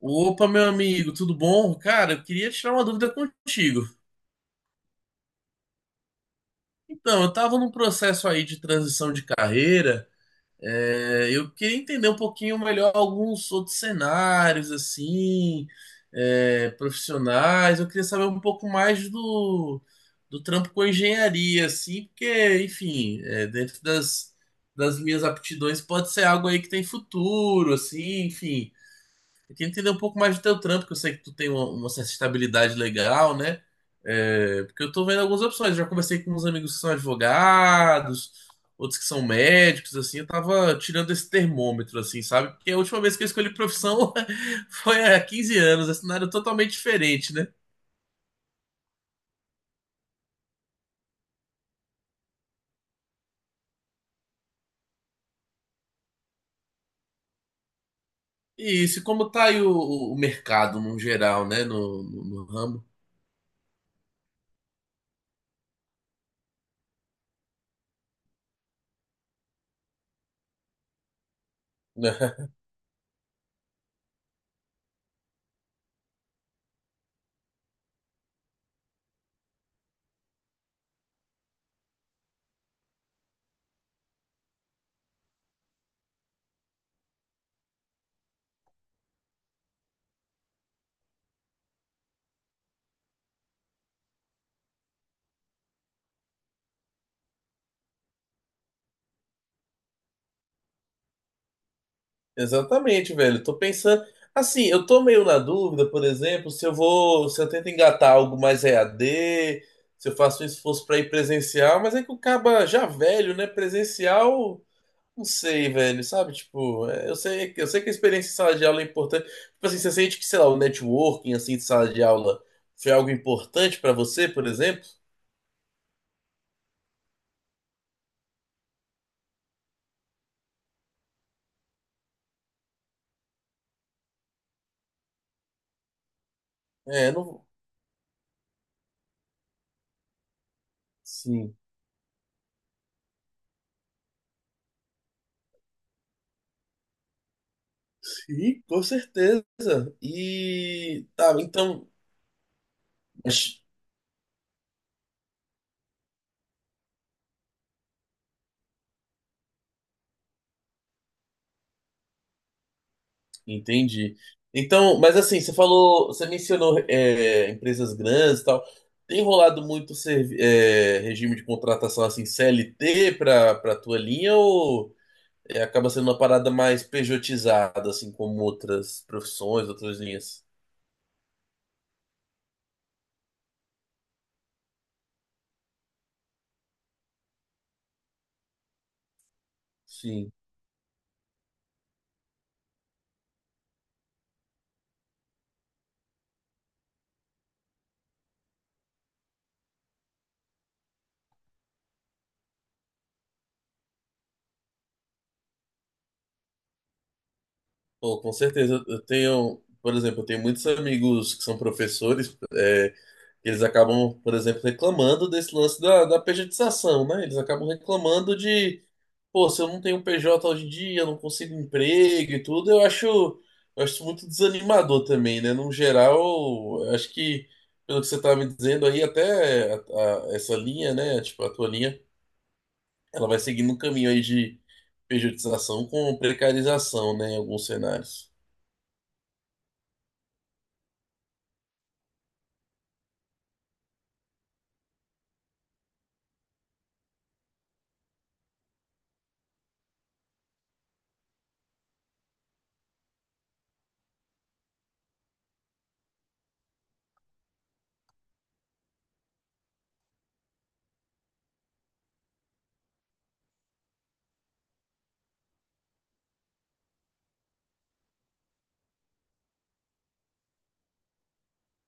Opa, meu amigo, tudo bom? Cara, eu queria tirar uma dúvida contigo. Então, eu estava num processo aí de transição de carreira. Eu queria entender um pouquinho melhor alguns outros cenários, assim, profissionais. Eu queria saber um pouco mais do trampo com engenharia, assim, porque, enfim, é, dentro das minhas aptidões pode ser algo aí que tem futuro, assim, enfim. Eu queria entender um pouco mais do teu trampo, que eu sei que tu tem uma certa estabilidade legal, né? É, porque eu tô vendo algumas opções. Já conversei com uns amigos que são advogados, outros que são médicos, assim. Eu tava tirando esse termômetro, assim, sabe? Porque a última vez que eu escolhi profissão foi há 15 anos, é um cenário totalmente diferente, né? E isso, e como tá aí o mercado no geral, né? No ramo. Exatamente, velho. Tô pensando. Assim, eu tô meio na dúvida, por exemplo, se eu tento engatar algo mais EAD, se eu faço um esforço pra ir presencial, mas é que o caba já velho, né? Presencial, não sei, velho, sabe? Tipo, é, eu sei que a experiência em sala de aula é importante. Tipo assim, você sente que, sei lá, o networking, assim, de sala de aula foi algo importante pra você, por exemplo? É, não. Sim. Sim, com certeza. E. Tá, então. Entendi. Então, mas assim, você mencionou empresas grandes e tal. Tem rolado muito regime de contratação assim CLT para tua linha ou é, acaba sendo uma parada mais pejotizada assim como outras profissões, outras linhas? Sim. Pô, com certeza. Eu tenho, por exemplo, eu tenho muitos amigos que são professores, é, eles acabam, por exemplo, reclamando desse lance da pejotização, né? Eles acabam reclamando de pô, se eu não tenho PJ hoje em dia, eu não consigo emprego e tudo, eu acho muito desanimador também, né? No geral, eu acho que, pelo que você estava me dizendo aí, essa linha, né? Tipo, a tua linha, ela vai seguindo um caminho aí de pejotização com precarização, né? Em alguns cenários.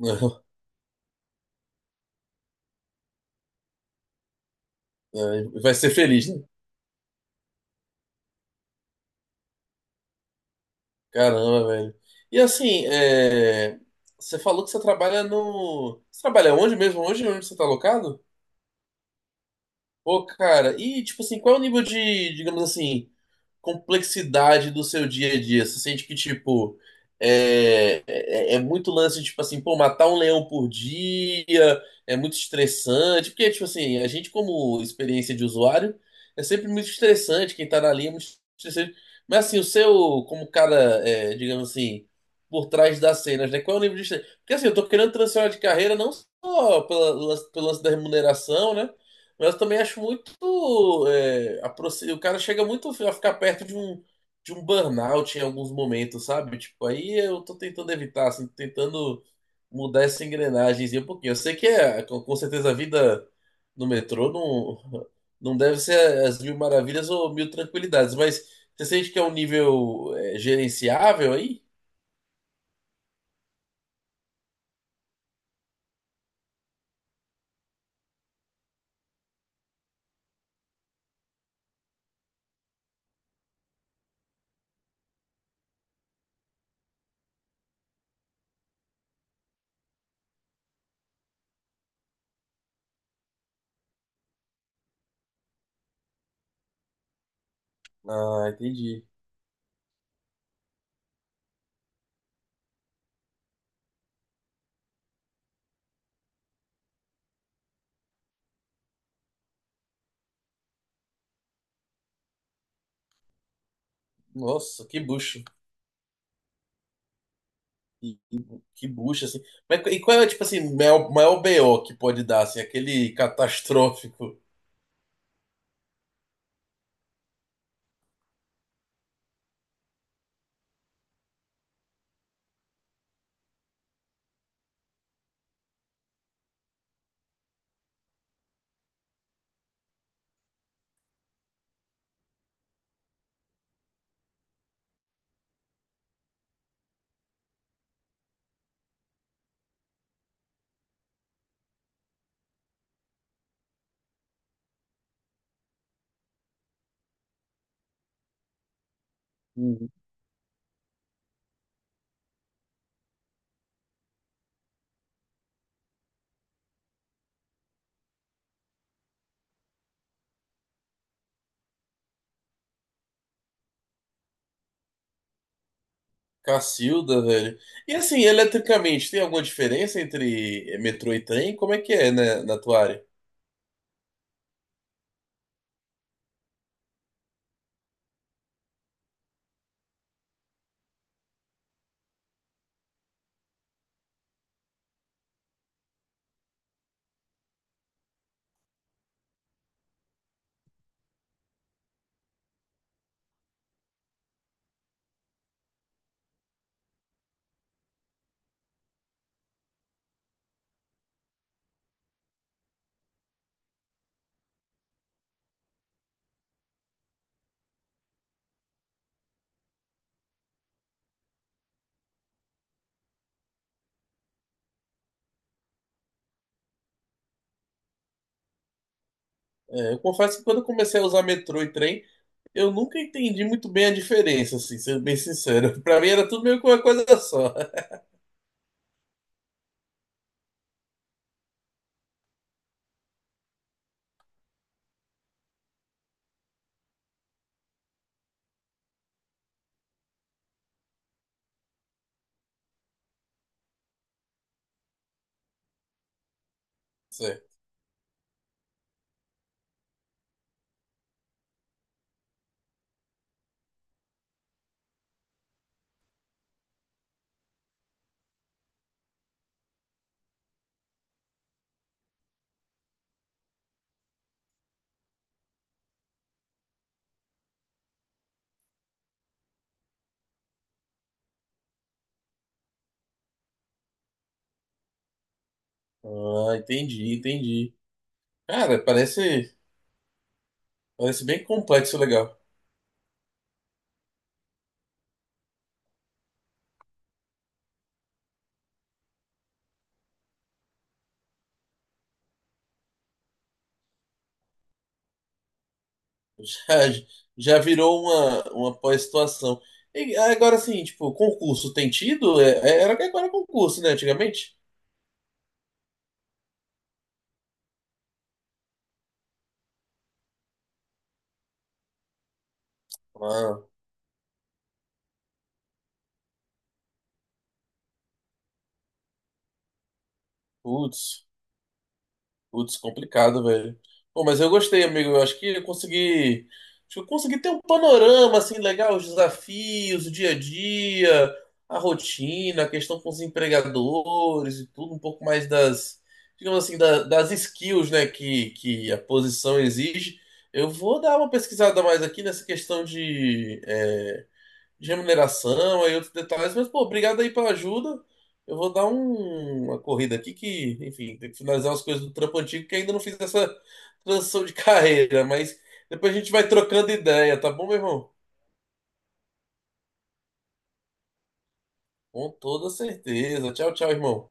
É, vai ser feliz, né? Caramba, velho. E assim, é, você falou que você trabalha no. Você trabalha onde mesmo? Onde? Onde você está alocado? Pô, cara, e tipo assim, qual é o nível de, digamos assim, complexidade do seu dia a dia? Você sente que, tipo, é muito lance, tipo assim, pô, matar um leão por dia é muito estressante, porque, tipo assim, a gente, como experiência de usuário, é sempre muito estressante, quem tá na linha é muito estressante. Mas assim, o seu, como cara, é, digamos assim, por trás das cenas, né? Qual é o nível de estresse? Porque assim, eu tô querendo transicionar de carreira não só pela, pelo lance da remuneração, né? Mas eu também acho muito. O cara chega muito a ficar perto de um burnout em alguns momentos, sabe? Tipo, aí eu tô tentando evitar, assim, tentando mudar essa engrenagemzinha um pouquinho. Eu sei que é, com certeza a vida no metrô não, não deve ser as mil maravilhas ou mil tranquilidades, mas você sente que é um nível é, gerenciável aí? Ah, entendi. Nossa, que bucha. E, e que bucha, assim. Mas, e qual é, tipo assim, maior BO que pode dar, assim, aquele catastrófico. Uhum. Cacilda, velho. E assim, eletricamente, tem alguma diferença entre metrô e trem? Como é que é, né, na tua área? É, eu confesso que quando eu comecei a usar metrô e trem, eu nunca entendi muito bem a diferença, assim, sendo bem sincero. Pra mim era tudo meio que uma coisa só. Certo. Ah, entendi. Cara, parece bem complexo, e legal. Já, já virou uma pós-situação. E agora sim, tipo, concurso tem tido? Era que agora é concurso, né? Antigamente? Ah, putz. Putz, complicado, velho. Pô, mas eu gostei, amigo. Eu acho que eu consegui. Acho que eu consegui ter um panorama assim legal, os desafios, o dia a dia, a rotina, a questão com os empregadores e tudo, um pouco mais das, digamos assim, das skills, né, que a posição exige. Eu vou dar uma pesquisada mais aqui nessa questão de, é, de remuneração, aí outros detalhes, mas, pô, obrigado aí pela ajuda. Eu vou dar uma corrida aqui que, enfim, tem que finalizar as coisas do trampo antigo que ainda não fiz essa transição de carreira, mas depois a gente vai trocando ideia, tá bom, meu irmão? Com toda certeza. Tchau, tchau, irmão.